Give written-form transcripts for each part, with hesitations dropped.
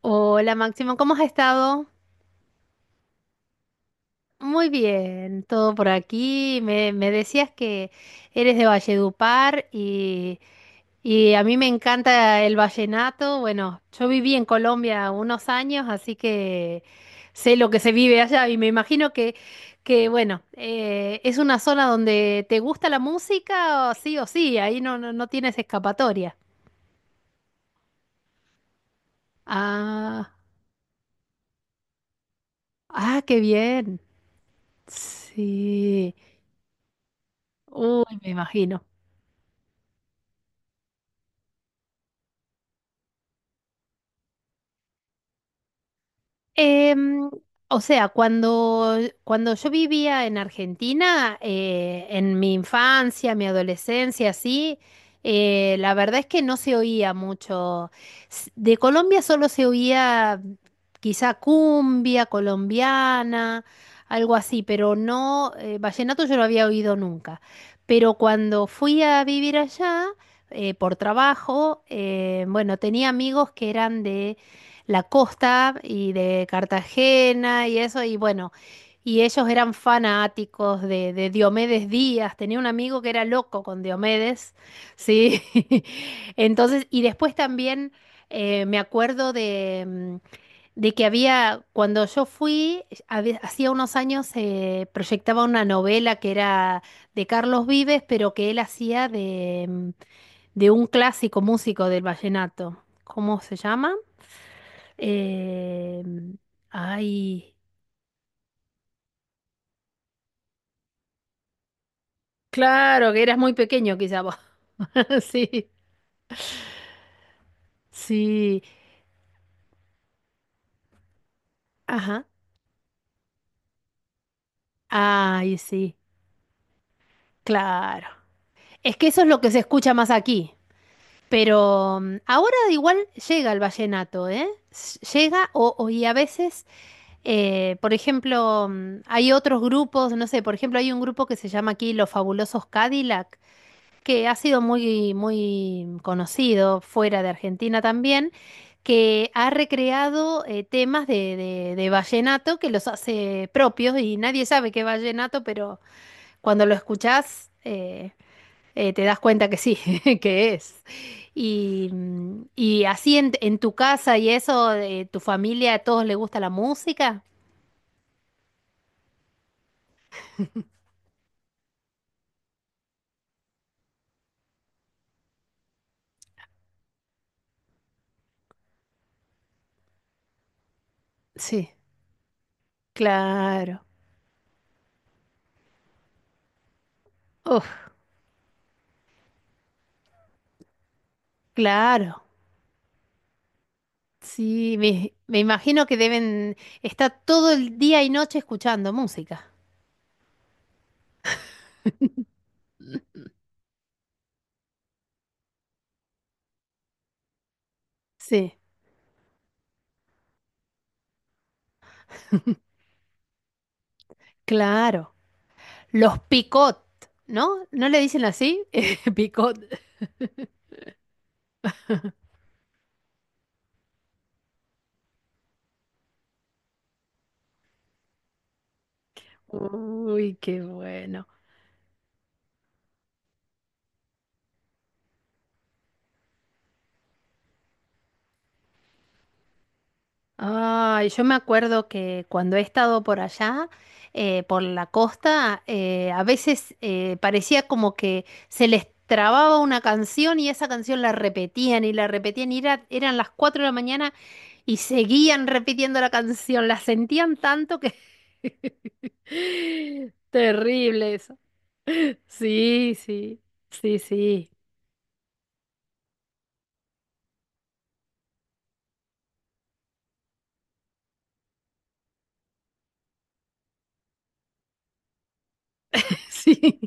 Hola Máximo, ¿cómo has estado? Muy bien, todo por aquí. Me decías que eres de Valledupar y a mí me encanta el vallenato. Bueno, yo viví en Colombia unos años, así que sé lo que se vive allá y me imagino que bueno, es una zona donde te gusta la música, o sí, ahí no, no, no tienes escapatoria. Ah, ah, qué bien. Sí. Uy, me imagino. Em, o sea, cuando yo vivía en Argentina, en mi infancia, mi adolescencia, sí, la verdad es que no se oía mucho. De Colombia solo se oía quizá cumbia colombiana, algo así, pero no, vallenato yo no había oído nunca. Pero cuando fui a vivir allá, por trabajo, bueno, tenía amigos que eran de la costa y de Cartagena y eso, y bueno, y ellos eran fanáticos de Diomedes Díaz, tenía un amigo que era loco con Diomedes, ¿sí? Entonces, y después también me acuerdo de que había, cuando yo fui, hacía unos años se proyectaba una novela que era de Carlos Vives, pero que él hacía de un clásico músico del vallenato. ¿Cómo se llama? Eh, ay, claro, que eras muy pequeño quizá vos. Sí, sí, ajá. Ay, sí, claro. Es que eso es lo que se escucha más aquí. Pero ahora igual llega el vallenato, ¿eh? Llega y a veces, por ejemplo, hay otros grupos, no sé, por ejemplo, hay un grupo que se llama aquí Los Fabulosos Cadillac que ha sido muy, muy conocido fuera de Argentina también, que ha recreado temas de vallenato que los hace propios y nadie sabe qué es vallenato, pero cuando lo escuchás te das cuenta que sí, que es. Y así en tu casa y eso, tu familia, ¿a todos les gusta la música? Sí, claro. Uf, claro. Sí, me imagino que deben estar todo el día y noche escuchando música. Sí, claro. Los picot, ¿no? ¿No le dicen así? Picot. Uy, qué bueno. Ay, yo me acuerdo que cuando he estado por allá, por la costa, a veces parecía como que se les trababa una canción y esa canción la repetían y eran las 4 de la mañana y seguían repitiendo la canción, la sentían tanto que... Terrible eso. Sí, sí, sí, sí, sí.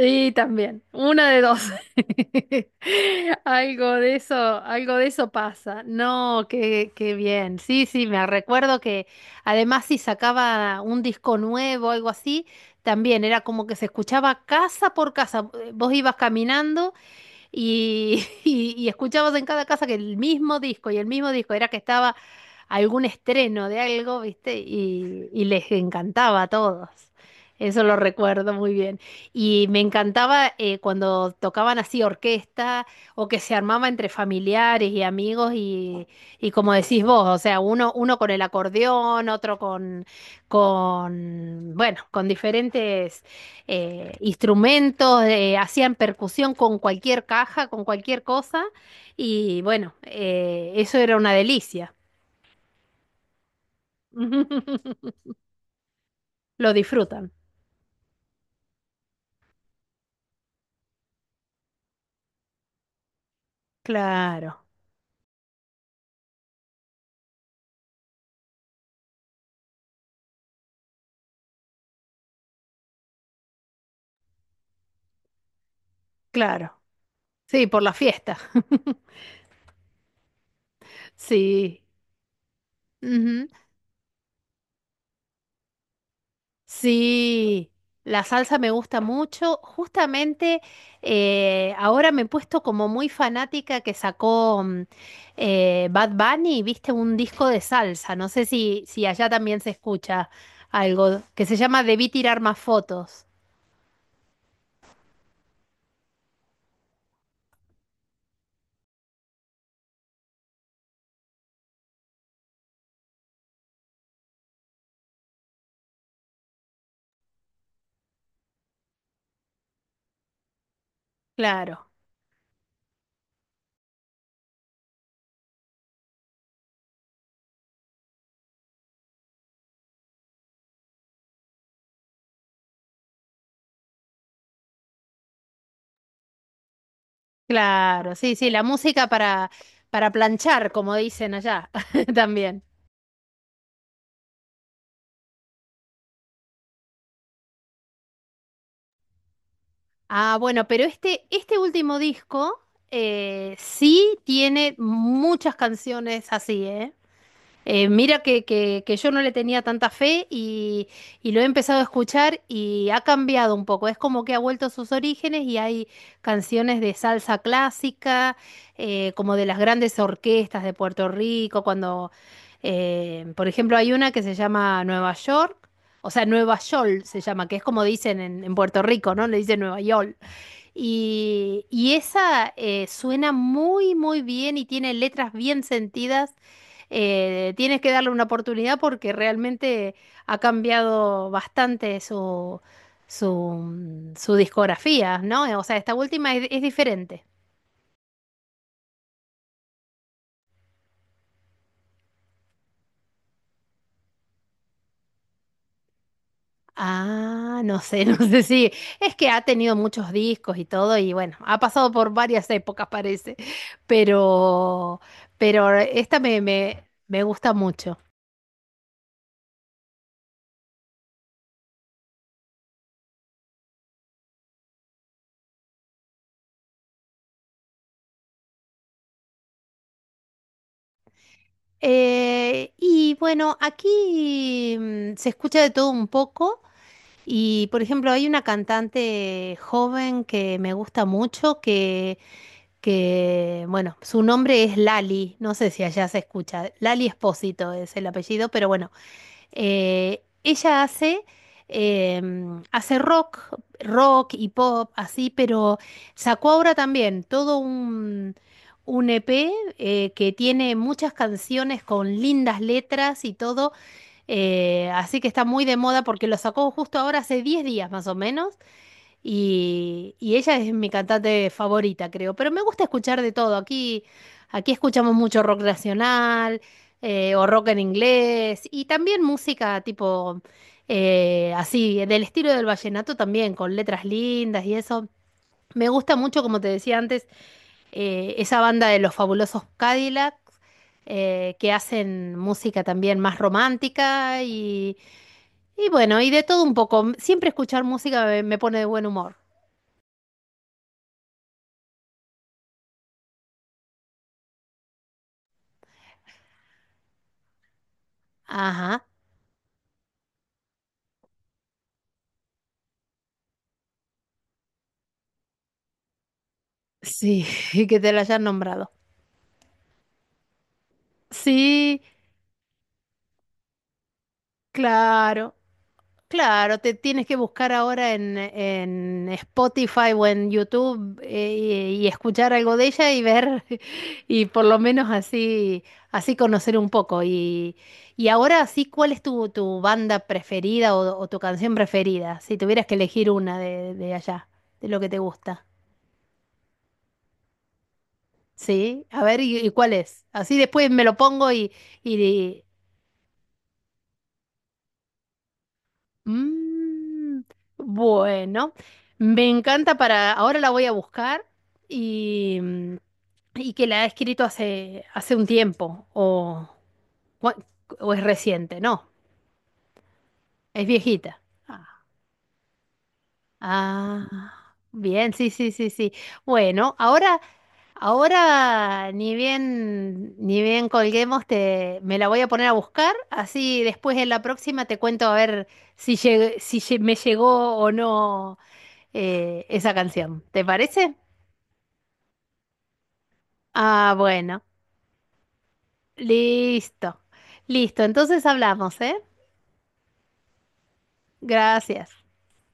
Y también, una de dos. Algo de eso, algo de eso pasa. No, qué bien. Sí, sí, me recuerdo que además si sacaba un disco nuevo algo así, también era como que se escuchaba casa por casa. Vos ibas caminando y, y escuchabas en cada casa que el mismo disco y el mismo disco era que estaba algún estreno de algo, ¿viste? Y les encantaba a todos. Eso lo recuerdo muy bien. Y me encantaba cuando tocaban así orquesta o que se armaba entre familiares y amigos y como decís vos, o sea, uno con el acordeón, otro bueno, con diferentes instrumentos, hacían percusión con cualquier caja, con cualquier cosa, y bueno, eso era una delicia. Lo disfrutan. Claro, claro. Sí, por la fiesta. Sí. Ujú. Sí, la salsa me gusta mucho. Justamente ahora me he puesto como muy fanática que sacó Bad Bunny, viste, un disco de salsa. No sé si allá también se escucha algo que se llama Debí tirar más fotos. Claro, claro, sí, sí, la música para planchar, como dicen allá también. Ah, bueno, pero este último disco sí tiene muchas canciones así, ¿eh? Mira que yo no le tenía tanta fe y lo he empezado a escuchar y ha cambiado un poco. Es como que ha vuelto a sus orígenes y hay canciones de salsa clásica, como de las grandes orquestas de Puerto Rico, cuando, por ejemplo, hay una que se llama Nueva York, o sea, Nueva Yol se llama, que es como dicen en Puerto Rico, ¿no? Le dicen Nueva York. Y esa suena muy, muy bien y tiene letras bien sentidas. Tienes que darle una oportunidad porque realmente ha cambiado bastante su discografía, ¿no? O sea, esta última es diferente. Ah, no sé, no sé si. Es que ha tenido muchos discos y todo, y bueno, ha pasado por varias épocas, parece. Pero, pero esta me gusta mucho. Y bueno, aquí se escucha de todo un poco y, por ejemplo, hay una cantante joven que me gusta mucho bueno, su nombre es Lali, no sé si allá se escucha, Lali Espósito es el apellido, pero bueno, ella hace rock, y pop, así, pero sacó ahora también todo un EP que tiene muchas canciones con lindas letras y todo. Así que está muy de moda porque lo sacó justo ahora hace 10 días más o menos. Y ella es mi cantante favorita, creo. Pero me gusta escuchar de todo. Aquí escuchamos mucho rock nacional o rock en inglés y también música tipo así, del estilo del vallenato también, con letras lindas y eso. Me gusta mucho, como te decía antes, esa banda de los fabulosos Cadillac que hacen música también más romántica y bueno, y de todo un poco. Siempre escuchar música me pone de buen humor. Ajá. Sí, y que te la hayan nombrado. Sí, claro, claro, te tienes que buscar ahora en Spotify o en YouTube y escuchar algo de ella y ver, y por lo menos así conocer un poco. Y ahora sí, ¿cuál es tu banda preferida o tu canción preferida? Si tuvieras que elegir una de allá, de lo que te gusta. Sí, a ver, ¿y cuál es? Así después me lo pongo y Mm, bueno, me encanta para... Ahora la voy a buscar y, mm, y que la ha escrito hace un tiempo cua- o es reciente, no, es viejita. Ah, ah, bien, sí, sí, sí, sí. Bueno, ahora ni bien colguemos, me la voy a poner a buscar, así después en la próxima te cuento a ver si me llegó o no esa canción. ¿Te parece? Ah, bueno. Listo. Listo. Entonces hablamos, ¿eh? Gracias.